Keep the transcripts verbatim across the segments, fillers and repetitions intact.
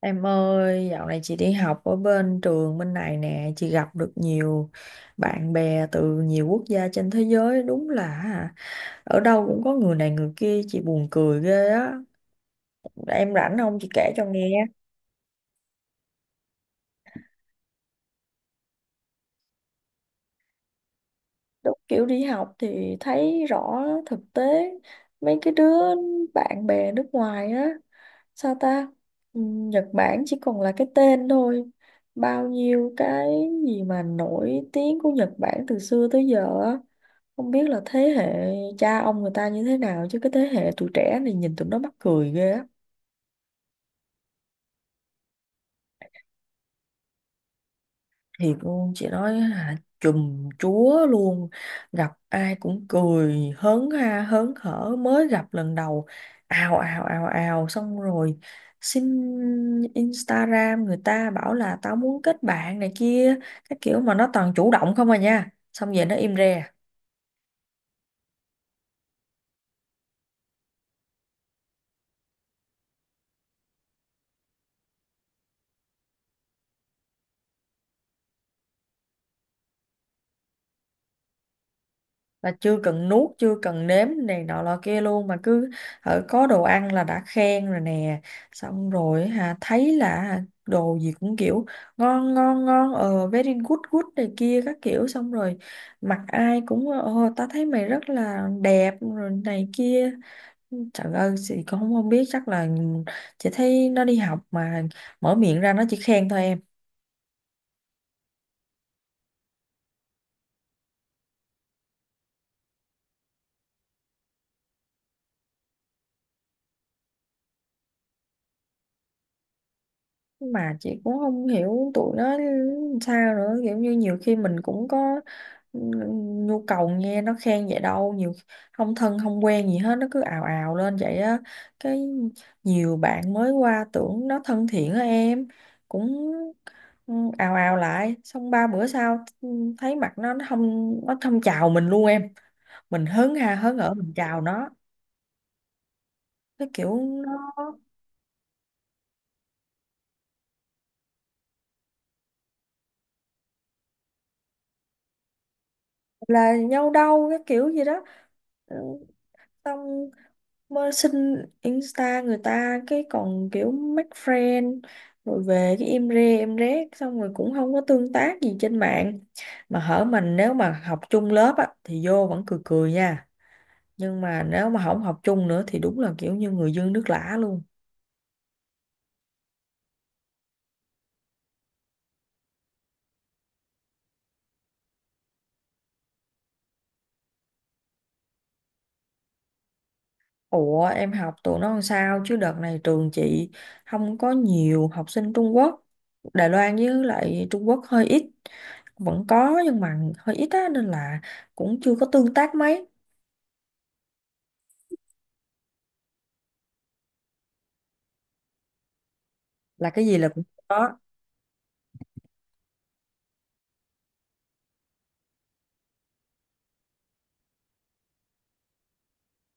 Em ơi, dạo này chị đi học ở bên trường bên này nè, chị gặp được nhiều bạn bè từ nhiều quốc gia trên thế giới, đúng là hả, ở đâu cũng có người này người kia, chị buồn cười ghê á. Em rảnh không? Chị kể cho nghe. Đúng kiểu đi học thì thấy rõ thực tế mấy cái đứa bạn bè nước ngoài á, sao ta. Ừm, Nhật Bản chỉ còn là cái tên thôi, bao nhiêu cái gì mà nổi tiếng của Nhật Bản từ xưa tới giờ á, không biết là thế hệ cha ông người ta như thế nào, chứ cái thế hệ tụi trẻ này nhìn tụi nó mắc cười ghê á. Thiệt luôn, chị nói là chùm chúa luôn, gặp ai cũng cười hớn ha hớn hở mới gặp lần đầu, ào ào ào ào, xong rồi xin Instagram người ta, bảo là tao muốn kết bạn này kia. Cái kiểu mà nó toàn chủ động không à nha, xong về nó im re. Là chưa cần nuốt chưa cần nếm này nọ lọ kia luôn, mà cứ ở có đồ ăn là đã khen rồi nè. Xong rồi hả, thấy là hả, đồ gì cũng kiểu ngon ngon ngon, ờ very good good này kia các kiểu, xong rồi mặt ai cũng ờ ta thấy mày rất là đẹp rồi này kia. Trời ơi, chị cũng không, không biết, chắc là chị thấy nó đi học mà mở miệng ra nó chỉ khen thôi em. Mà chị cũng không hiểu tụi nó sao nữa, kiểu như nhiều khi mình cũng có nhu cầu nghe nó khen vậy đâu, nhiều không thân không quen gì hết nó cứ ào ào lên vậy á. Cái nhiều bạn mới qua tưởng nó thân thiện á em, cũng ừ, ào ào lại, xong ba bữa sau ừ, thấy mặt nó, nó không nó không chào mình luôn em, mình hớn ha hớn ở mình chào nó. Cái kiểu nó là nhau đâu, cái kiểu gì đó. Ừ, xong mới xin Insta người ta, cái còn kiểu make friend rồi về cái im re em rét, xong rồi cũng không có tương tác gì trên mạng. Mà hở, mình nếu mà học chung lớp á thì vô vẫn cười cười nha, nhưng mà nếu mà không học chung nữa thì đúng là kiểu như người dưng nước lã luôn. Ủa em học tụi nó làm sao, chứ đợt này trường chị không có nhiều học sinh Trung Quốc. Đài Loan với lại Trung Quốc hơi ít, vẫn có nhưng mà hơi ít á, nên là cũng chưa có tương tác mấy. Là cái gì là cũng có,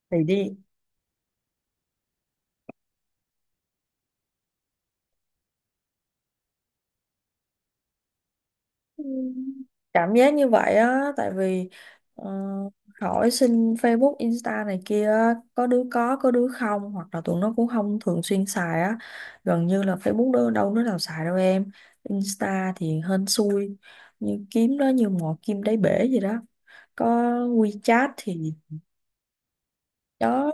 thì đi. Ừ. Cảm giác như vậy á, tại vì ờ, hỏi xin Facebook Insta này kia á, có đứa có có đứa không, hoặc là tụi nó cũng không thường xuyên xài á, gần như là Facebook đâu, đâu đứa nào xài đâu em. Insta thì hên xui, như kiếm đó như mò kim đáy bể gì đó. Có WeChat thì đó,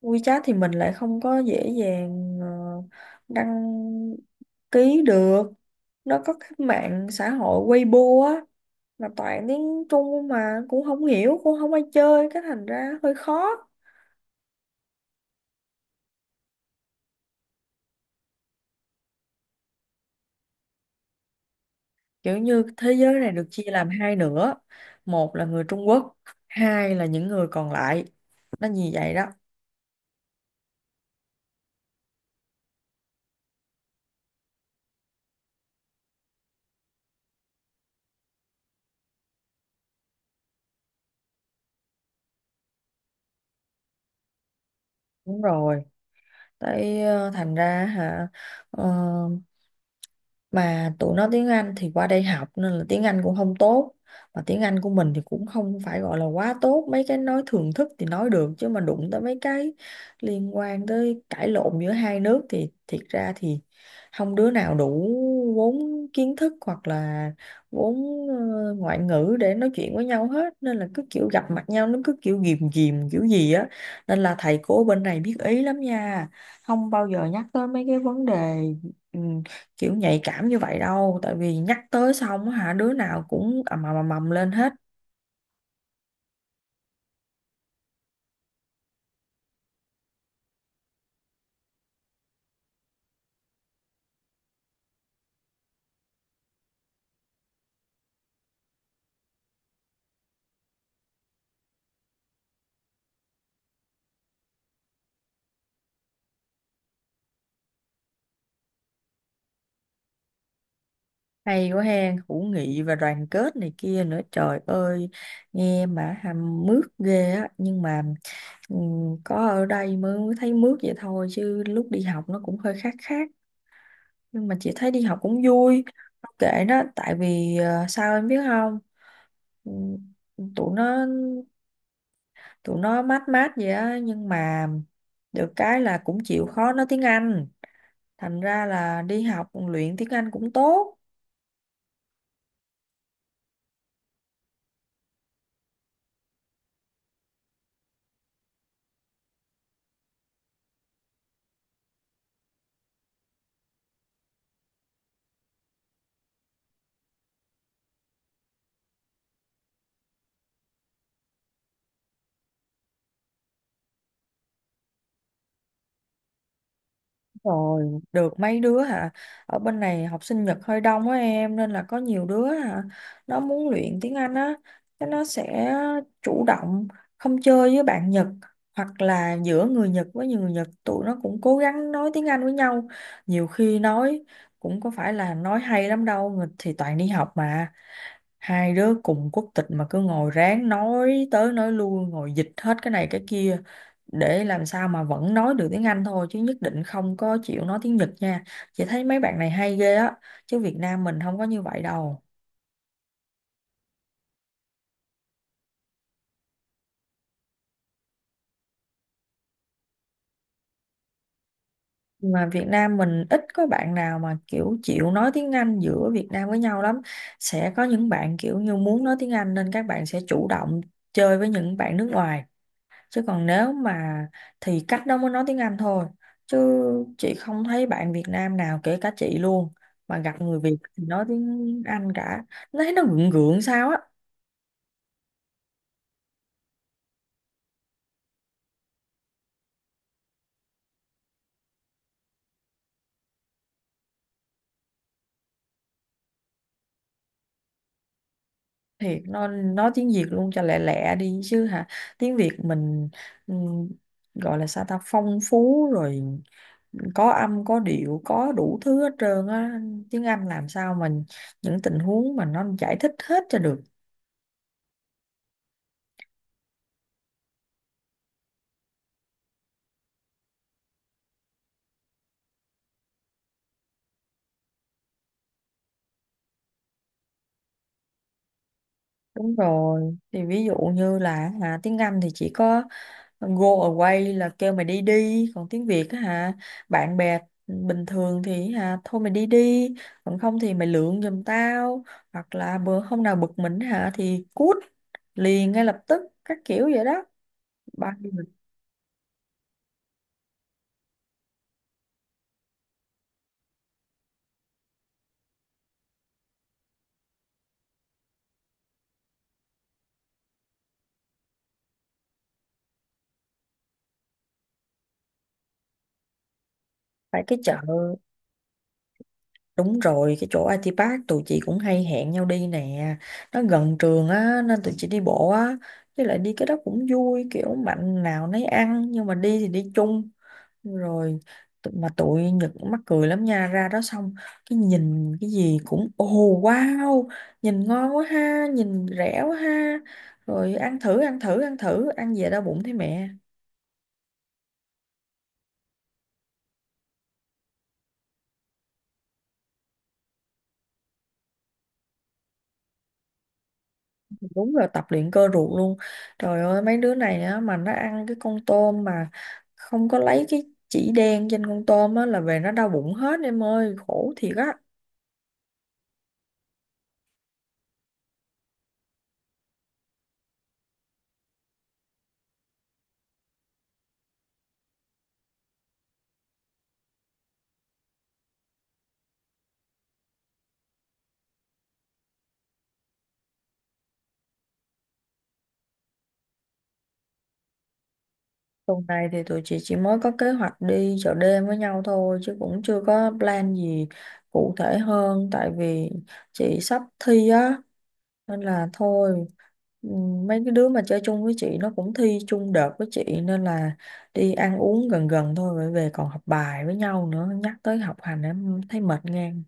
WeChat thì mình lại không có dễ dàng ờ, đăng ký được. Nó có cái mạng xã hội Weibo á, mà toàn tiếng Trung mà cũng không hiểu, cũng không ai chơi, cái thành ra hơi khó. Kiểu như thế giới này được chia làm hai nửa, một là người Trung Quốc, hai là những người còn lại. Nó như vậy đó. Đúng rồi. Tại ờ, thành ra hả, ờ, mà tụi nó tiếng Anh thì qua đây học nên là tiếng Anh cũng không tốt, mà tiếng Anh của mình thì cũng không phải gọi là quá tốt, mấy cái nói thường thức thì nói được, chứ mà đụng tới mấy cái liên quan tới cãi lộn giữa hai nước thì thiệt ra thì không đứa nào đủ vốn kiến thức, hoặc là vốn ờ, ngoại ngữ để nói chuyện với nhau hết, nên là cứ kiểu gặp mặt nhau nó cứ kiểu ghìm ghìm kiểu gì á. Nên là thầy cô bên này biết ý lắm nha, không bao giờ nhắc tới mấy cái vấn đề ừ, kiểu nhạy cảm như vậy đâu, tại vì nhắc tới xong á hả đứa nào cũng ầm ầm ầm ầm lên hết. Hay quá hen, hữu nghị và đoàn kết này kia nữa, trời ơi, nghe mà hàm mướt ghê á. Nhưng mà ừm, có ở đây mới thấy mướt vậy thôi, chứ lúc đi học nó cũng hơi khác khác. Nhưng mà chị thấy đi học cũng vui. Không, kệ nó, tại vì ờ, sao em biết không, Ừm, tụi nó, tụi nó mát mát vậy á nhưng mà được cái là cũng chịu khó nói tiếng Anh, thành ra là đi học luyện tiếng Anh cũng tốt. Rồi được mấy đứa hả, ở bên này học sinh Nhật hơi đông á em, nên là có nhiều đứa hả, nó muốn luyện tiếng Anh á, cái nó sẽ chủ động không chơi với bạn Nhật, hoặc là giữa người Nhật với người Nhật tụi nó cũng cố gắng nói tiếng Anh với nhau. Nhiều khi nói cũng có phải là nói hay lắm đâu, người thì toàn đi học mà, hai đứa cùng quốc tịch mà cứ ngồi ráng nói tới nói lui, ngồi dịch hết cái này cái kia để làm sao mà vẫn nói được tiếng Anh thôi, chứ nhất định không có chịu nói tiếng Nhật nha. Chị thấy mấy bạn này hay ghê á, chứ Việt Nam mình không có như vậy đâu. Mà Việt Nam mình ít có bạn nào mà kiểu chịu nói tiếng Anh giữa Việt Nam với nhau lắm. Sẽ có những bạn kiểu như muốn nói tiếng Anh nên các bạn sẽ chủ động chơi với những bạn nước ngoài, chứ còn nếu mà thì cách đó mới nói tiếng Anh thôi, chứ chị không thấy bạn Việt Nam nào, kể cả chị luôn, mà gặp người Việt thì nói tiếng Anh cả. Nó thấy nó gượng gượng sao á. Thiệt, nó nói tiếng Việt luôn cho lẹ lẹ đi chứ hả. Tiếng Việt mình ừm, gọi là sao ta, phong phú rồi, có âm có điệu có đủ thứ hết trơn á, tiếng Anh làm sao mình những tình huống mà nó giải thích hết cho được. Đúng rồi, thì ví dụ như là hả, tiếng Anh thì chỉ có Go away là kêu mày đi đi, còn tiếng Việt á hả, bạn bè bình thường thì hả thôi mày đi đi, còn không thì mày lượn giùm tao, hoặc là bữa hôm nào bực mình hả thì cút liền ngay lập tức, các kiểu vậy đó. Bao nhiêu người- tại cái chợ đúng rồi, cái chỗ i tê Park tụi chị cũng hay hẹn nhau đi nè, nó gần trường á nên tụi chị đi bộ á. Với lại đi cái đó cũng vui, kiểu mạnh nào nấy ăn nhưng mà đi thì đi chung. Rồi tụ- mà tụi Nhật cũng mắc cười lắm nha, ra đó xong cái nhìn cái gì cũng ồ, wow, nhìn ngon quá ha, nhìn rẻ quá ha, rồi ăn thử ăn thử ăn thử ăn về đau bụng thấy mẹ. Đúng là tập luyện cơ ruột luôn, trời ơi mấy đứa này á mà nó ăn cái con tôm mà không có lấy cái chỉ đen trên con tôm á là về nó đau bụng hết em ơi, khổ thiệt á. Tuần này thì tụi chị chỉ mới có kế hoạch đi chợ đêm với nhau thôi, chứ cũng chưa có plan gì cụ thể hơn, tại vì chị sắp thi á, nên là thôi, ừm, mấy cái đứa mà chơi chung với chị nó cũng thi chung đợt với chị, nên là đi ăn uống gần gần thôi rồi về còn học bài với nhau nữa. Nhắc tới học hành em thấy mệt ngang.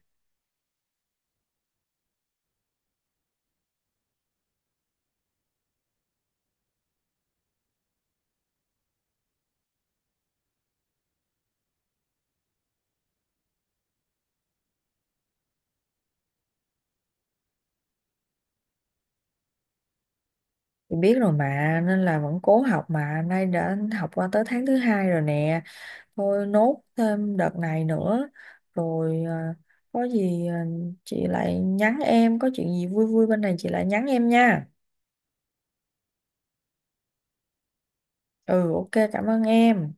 Chị biết rồi mà, nên là vẫn cố học, mà nay đã học qua tới tháng thứ hai rồi nè, thôi nốt thêm đợt này nữa rồi à, có gì à, chị lại nhắn em, có chuyện gì vui vui bên này chị lại nhắn em nha. Ừ, ok, cảm ơn em.